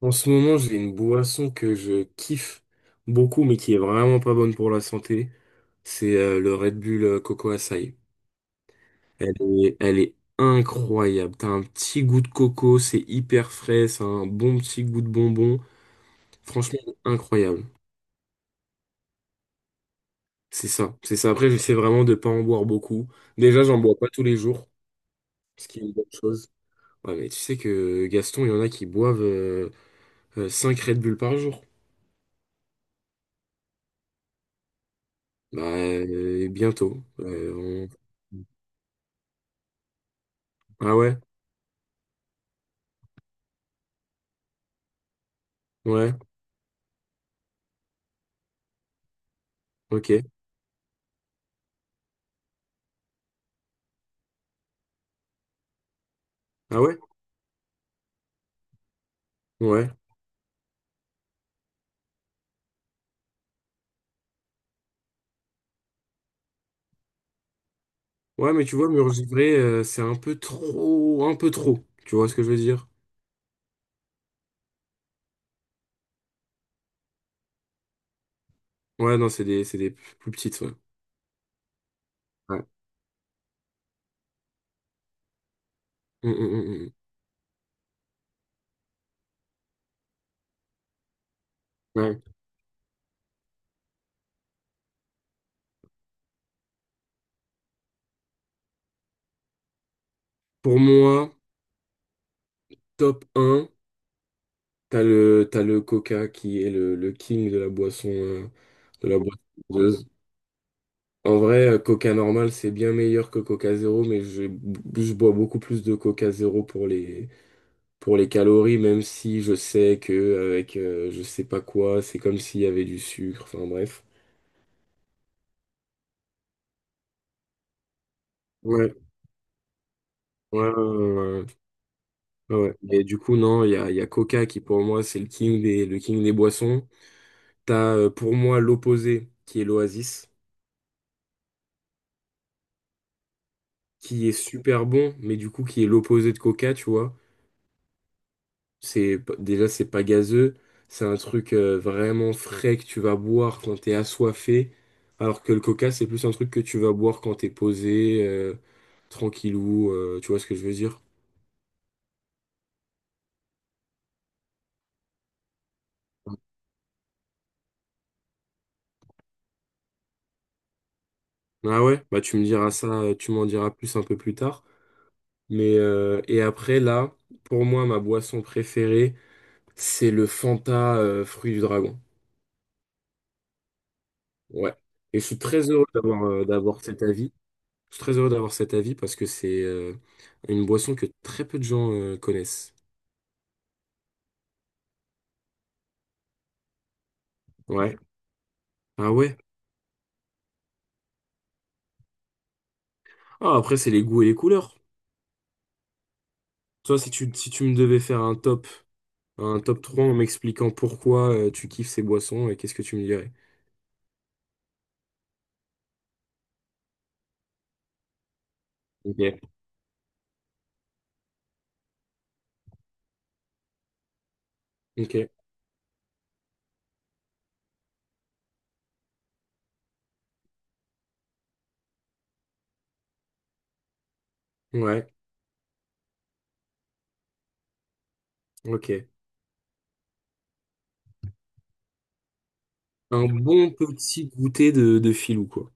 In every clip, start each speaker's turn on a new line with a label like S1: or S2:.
S1: En ce moment, j'ai une boisson que je kiffe beaucoup, mais qui est vraiment pas bonne pour la santé. C'est le Red Bull Coco Açaï. Elle est incroyable. T'as un petit goût de coco, c'est hyper frais, c'est un bon petit goût de bonbon. Franchement, incroyable. C'est ça. Après, j'essaie vraiment de pas en boire beaucoup. Déjà, j'en bois pas tous les jours, ce qui est une bonne chose. Ouais, mais tu sais que Gaston, il y en a qui boivent 5 Red Bull par jour. Bah, bientôt. On- Ah ouais? Ouais, ok. Ah ouais? Ouais. Ouais, mais tu vois, mur givré, c'est un peu trop, un peu trop. Tu vois ce que je veux dire? Ouais, non, c'est des plus petites, ouais. Ouais. Mm, mm, mm, mm. Ouais. Pour moi, top un t'as le Coca qui est le king de la boisson gazeuse. En vrai, Coca normal, c'est bien meilleur que Coca zéro, je bois beaucoup plus de Coca zéro pour les calories, même si je sais que avec je sais pas quoi, c'est comme s'il y avait du sucre, enfin bref. Ouais, ouais, ouais, ouais, ouais, ouais. Mais du coup, non, il y a Coca qui pour moi c'est le king des boissons. T'as pour moi l'opposé qui est l'Oasis, qui est super bon, mais du coup qui est l'opposé de Coca, tu vois. C'est déjà c'est pas gazeux, c'est un truc vraiment frais que tu vas boire quand t'es assoiffé, alors que le coca c'est plus un truc que tu vas boire quand t'es posé, tranquillou, tu vois ce que je veux dire? Ah ouais, bah tu me diras ça, tu m'en diras plus un peu plus tard. Mais et après là, pour moi ma boisson préférée c'est le Fanta fruit du dragon. Ouais. Et je suis très heureux d'avoir d'avoir cet avis. Je suis très heureux d'avoir cet avis parce que c'est une boisson que très peu de gens connaissent. Ouais. Ah ouais. Ah, après, c'est les goûts et les couleurs. Toi, si tu me devais faire un top 3 en m'expliquant pourquoi tu kiffes ces boissons, et qu'est-ce que tu me dirais? Ok. Ok. Ouais. Ok. Un bon petit goûter de filou, quoi.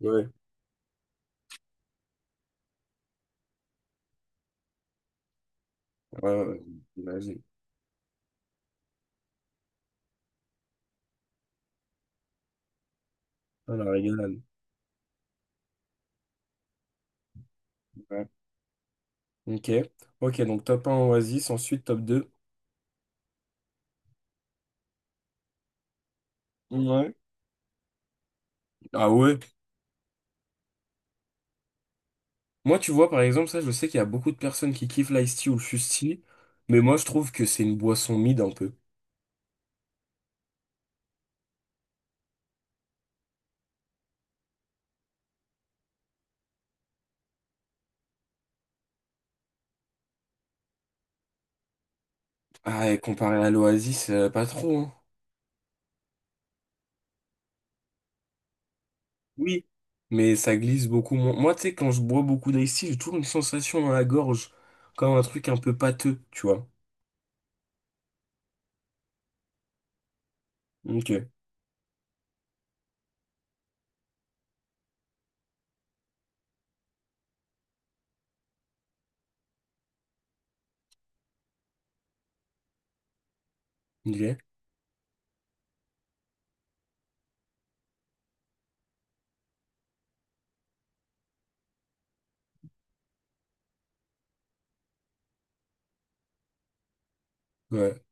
S1: Ouais, ouais, ouais, j'imagine. Ah, la régalade. Ouais. Ok. Ok, donc top un Oasis, ensuite top 2. Ouais. Ah ouais? Moi, tu vois, par exemple, ça, je sais qu'il y a beaucoup de personnes qui kiffent l'Ice Tea ou le fusti, mais moi, je trouve que c'est une boisson mid un peu. Ah, et comparé à l'Oasis, pas trop, hein. Oui, mais ça glisse beaucoup moins. Moi, tu sais, quand je bois beaucoup d'Ice Tea, j'ai toujours une sensation dans la gorge, comme un truc un peu pâteux, tu vois. Ok, ok, ouais,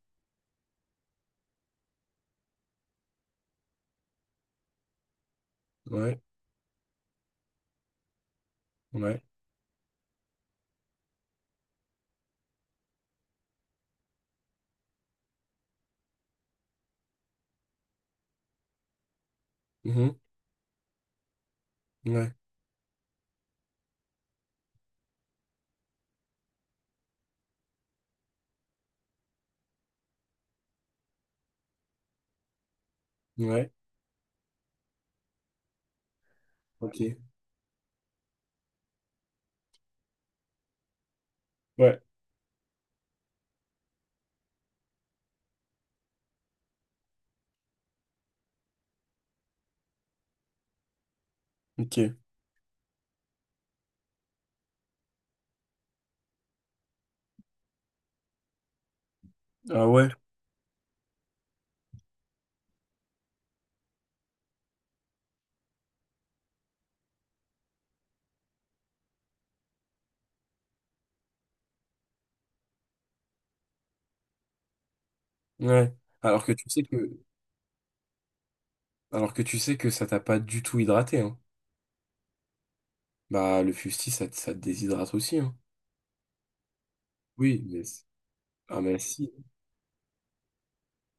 S1: ouais, ouais, mhm, ouais, ouais, ok, ouais, ok, ah ouais, ouais. Alors que tu sais que, alors que tu sais que ça t'a pas du tout hydraté, hein. Bah, le fusti ça te déshydrate aussi, hein. Oui, mais... c- Ah, mais si.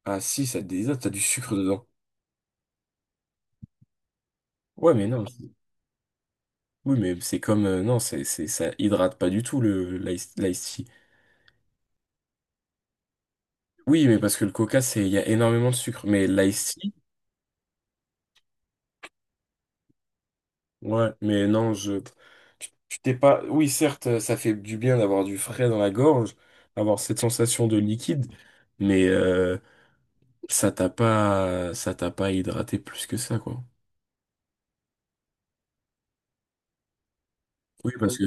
S1: Ah, si, ça te déshydrate, t'as du sucre dedans. Ouais, mais non. c'est- Oui, mais c'est comme... non, ça hydrate pas du tout, le l'ice tea. Oui, mais parce que le coca, c'est... Il y a énormément de sucre. Mais l'ice tea... Ouais, mais non, je... Tu t'es pas... Oui, certes, ça fait du bien d'avoir du frais dans la gorge, avoir cette sensation de liquide, mais ça t'a pas hydraté plus que ça, quoi. Oui, parce que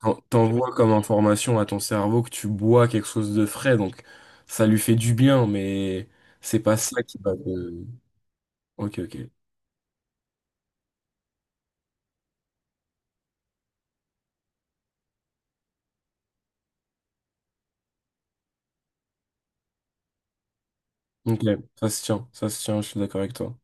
S1: t'en- T'envoies comme information à ton cerveau que tu bois quelque chose de frais, donc ça lui fait du bien, mais c'est pas ça qui va te... Ok, ok. Ok, ça se tient, je suis d'accord avec toi.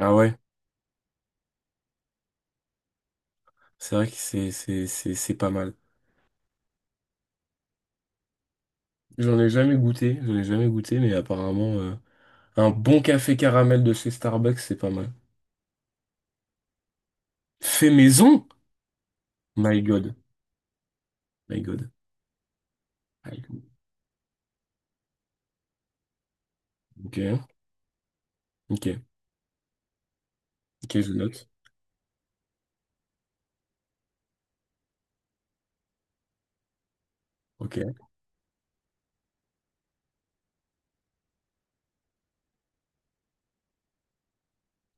S1: Ah ouais, c'est vrai que c'est pas mal. J'en ai jamais goûté, mais apparemment, un bon café caramel de chez Starbucks, c'est pas mal. Fait maison? My God, my God. My God. Ok, ok, ok, je note. Ok,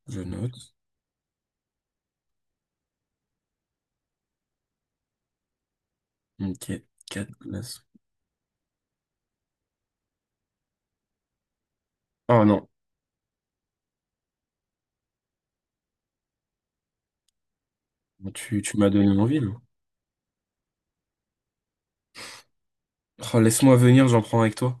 S1: je note. Ok, quatre glaces. Oh non. Bon, tu m'as donné envie, là. Oh, laisse-moi venir, j'en prends avec toi.